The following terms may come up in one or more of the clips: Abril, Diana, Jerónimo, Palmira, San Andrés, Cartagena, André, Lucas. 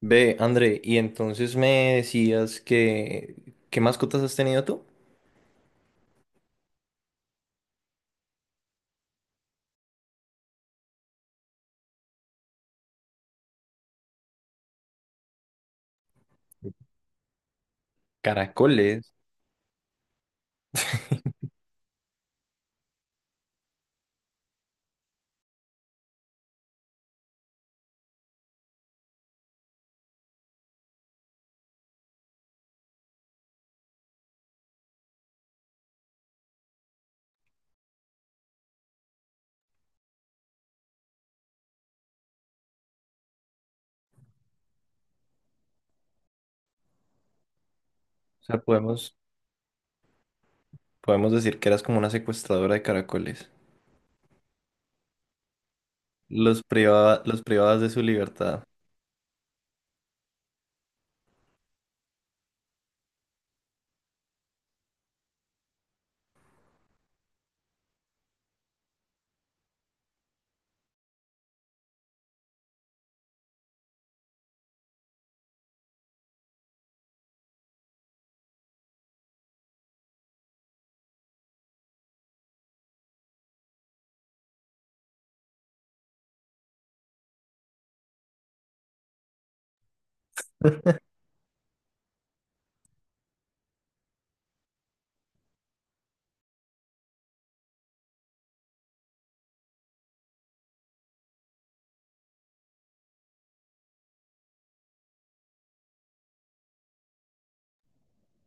Ve, André, y entonces me decías ¿qué mascotas has tenido tú? Caracoles. O sea, podemos decir que eras como una secuestradora de caracoles. Los privaba, los privabas de su libertad.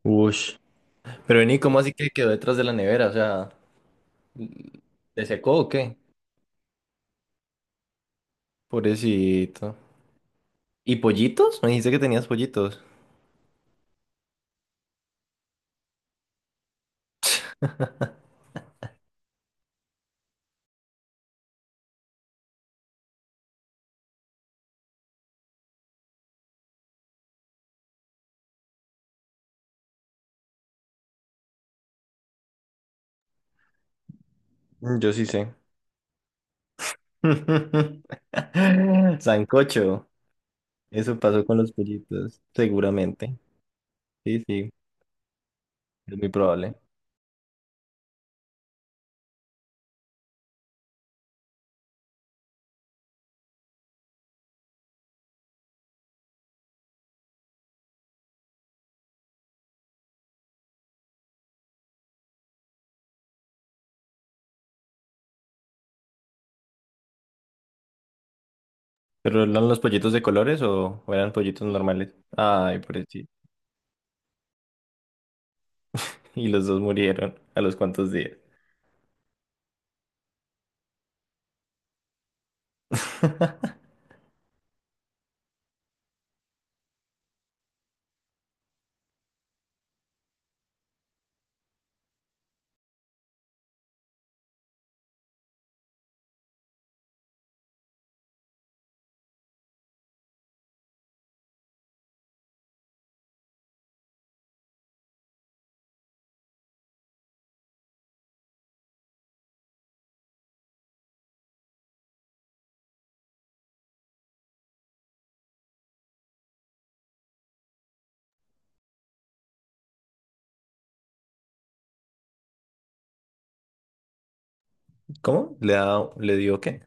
Ush. Pero vení, ¿cómo así que quedó detrás de la nevera? O sea, ¿te secó o qué? Pobrecito. ¿Y pollitos? Me dijiste que tenías pollitos. Mm, yo sí sé. Sancocho. Eso pasó con los pollitos, seguramente. Sí, sí, es muy probable. ¿Pero eran los pollitos de colores o eran pollitos normales? Ay, por sí. Y los dos murieron a los cuantos días. ¿Cómo? ¿Le dio qué?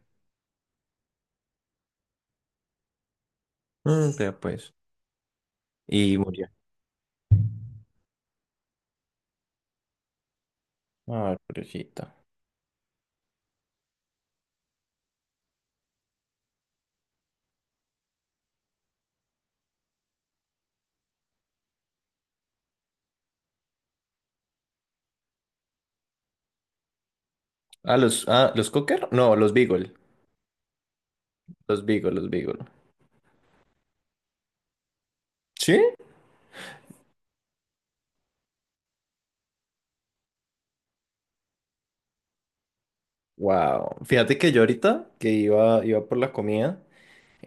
Mm, vea pues. Y murió. Ay, pobrecita. Ah, ¿los Cocker? No, los Beagle. Los Beagle, los Beagle. ¿Sí? Wow. Fíjate que yo ahorita que iba por la comida,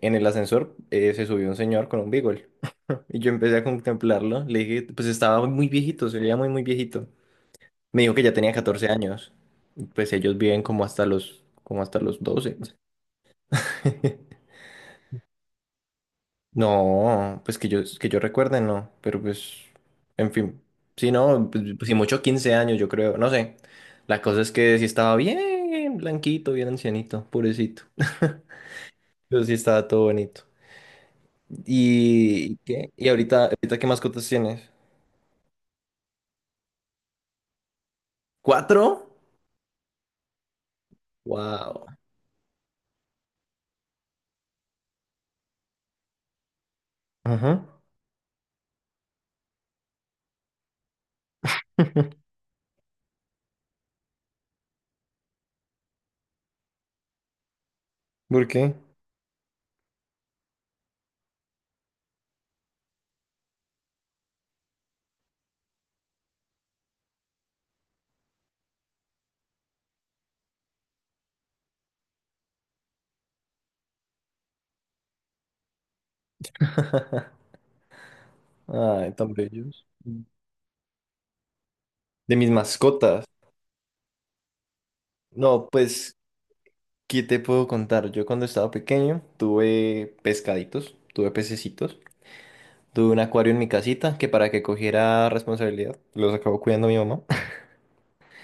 en el ascensor se subió un señor con un Beagle. Y yo empecé a contemplarlo. Le dije, pues estaba muy viejito, se veía muy, muy viejito. Me dijo que ya tenía 14 años. Pues ellos viven como hasta los 12. No, pues que yo recuerde, no. Pero pues, en fin. Sí, no, pues, si mucho 15 años, yo creo. No sé. La cosa es que sí estaba bien blanquito, bien ancianito, purecito. Pero sí estaba todo bonito. ¿Y qué? ¿Y ahorita qué mascotas tienes? ¿Cuatro? Wow. Ajá. ¿Por qué? Ay, tan bellos. De mis mascotas. No, pues, ¿qué te puedo contar? Yo cuando estaba pequeño tuve pescaditos, tuve pececitos, tuve un acuario en mi casita que para que cogiera responsabilidad los acabó cuidando mi mamá,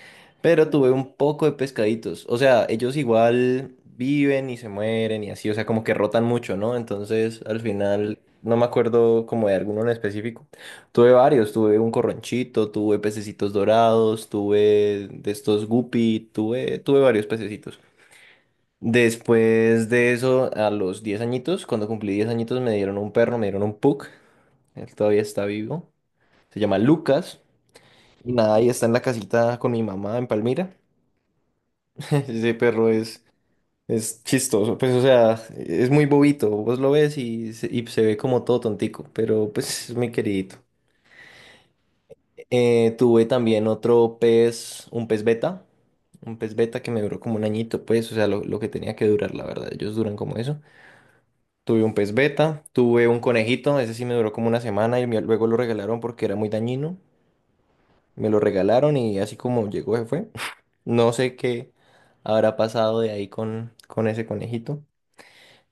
pero tuve un poco de pescaditos, o sea, ellos igual viven y se mueren y así, o sea, como que rotan mucho, ¿no? Entonces, al final, no me acuerdo como de alguno en específico. Tuve varios, tuve un corronchito, tuve pececitos dorados, tuve de estos guppy, tuve varios pececitos. Después de eso, a los 10 añitos, cuando cumplí 10 añitos, me dieron un perro, me dieron un pug. Él todavía está vivo. Se llama Lucas. Y nada, ahí está en la casita con mi mamá en Palmira. Ese perro es chistoso. Pues, o sea, es muy bobito. Vos lo ves y se ve como todo tontico. Pero, pues, es muy queridito. Tuve también otro pez, un pez beta. Un pez beta que me duró como un añito, pues, o sea, lo que tenía que durar, la verdad. Ellos duran como eso. Tuve un pez beta, tuve un conejito, ese sí me duró como una semana luego lo regalaron porque era muy dañino. Me lo regalaron y así como llegó se fue. No sé qué habrá pasado de ahí con ese conejito.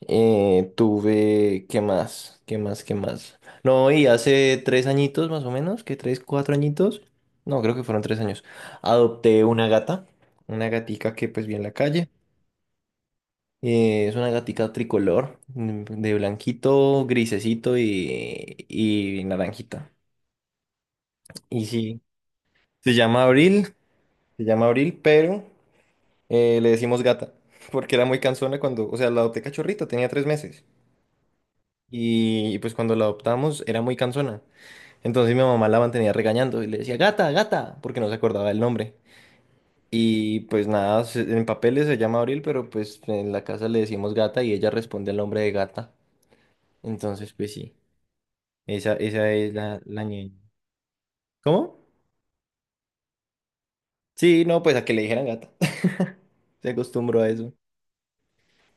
¿Qué más? ¿Qué más? ¿Qué más? No, y hace 3 añitos más o menos, que 3, 4 añitos. No, creo que fueron 3 años. Adopté una gata, una gatica que pues vi en la calle. Es una gatica tricolor, de blanquito, grisecito y naranjita. Y sí, se llama Abril, se llama Abril, pero le decimos gata, porque era muy cansona cuando, o sea, la adopté cachorrita, tenía 3 meses. Y pues cuando la adoptamos era muy cansona. Entonces mi mamá la mantenía regañando y le decía, gata, gata, porque no se acordaba del nombre. Y pues nada, en papeles se llama Abril, pero pues en la casa le decimos gata y ella responde al nombre de gata. Entonces, pues sí. Esa es la ñeña. ¿Cómo? Sí, no, pues a que le dijeran gata. Se acostumbró a eso.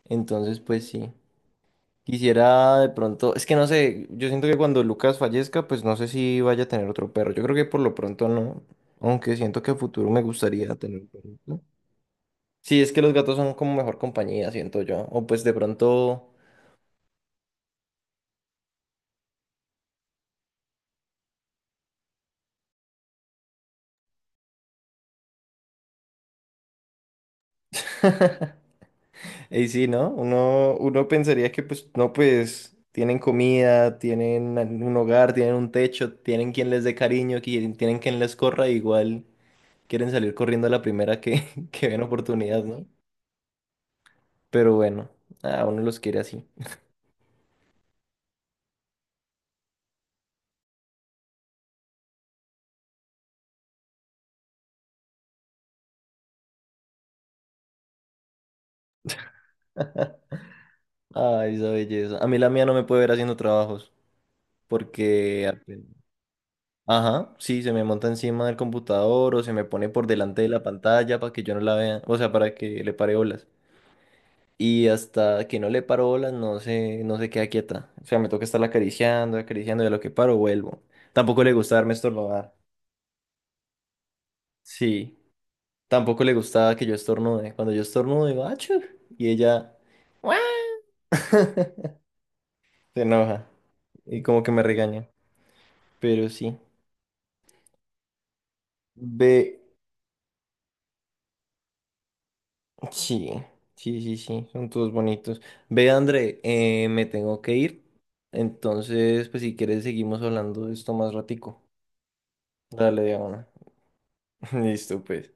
Entonces, pues sí. Quisiera de pronto, es que no sé, yo siento que cuando Lucas fallezca, pues no sé si vaya a tener otro perro. Yo creo que por lo pronto no, aunque siento que a futuro me gustaría tener un perrito. Sí, es que los gatos son como mejor compañía, siento yo. O pues de pronto. Y sí, ¿no? Uno pensaría que pues no, pues tienen comida, tienen un hogar, tienen un techo, tienen quien les dé cariño, tienen quien les corra, igual quieren salir corriendo a la primera que, que ven oportunidad, ¿no? Pero bueno, a uno los quiere así. Ay, esa belleza. A mí la mía no me puede ver haciendo trabajos, porque apenas- Ajá, sí, se me monta encima del computador o se me pone por delante de la pantalla para que yo no la vea, o sea, para que le pare olas. Y hasta que no le paro bolas, no se queda quieta. O sea, me toca estarla acariciando, acariciando, y a lo que paro, vuelvo. Tampoco le gusta darme estornudar. Sí. Tampoco le gustaba que yo estornude. Cuando yo estornudo, digo, ¡achú! Y ella "Guau". se enoja. Y como que me regaña. Pero sí. Ve, sí. Sí, sí, sí. Son todos bonitos. Ve, André, me tengo que ir. Entonces, pues si quieres, seguimos hablando de esto más ratico. Dale, Diana. Listo, pues.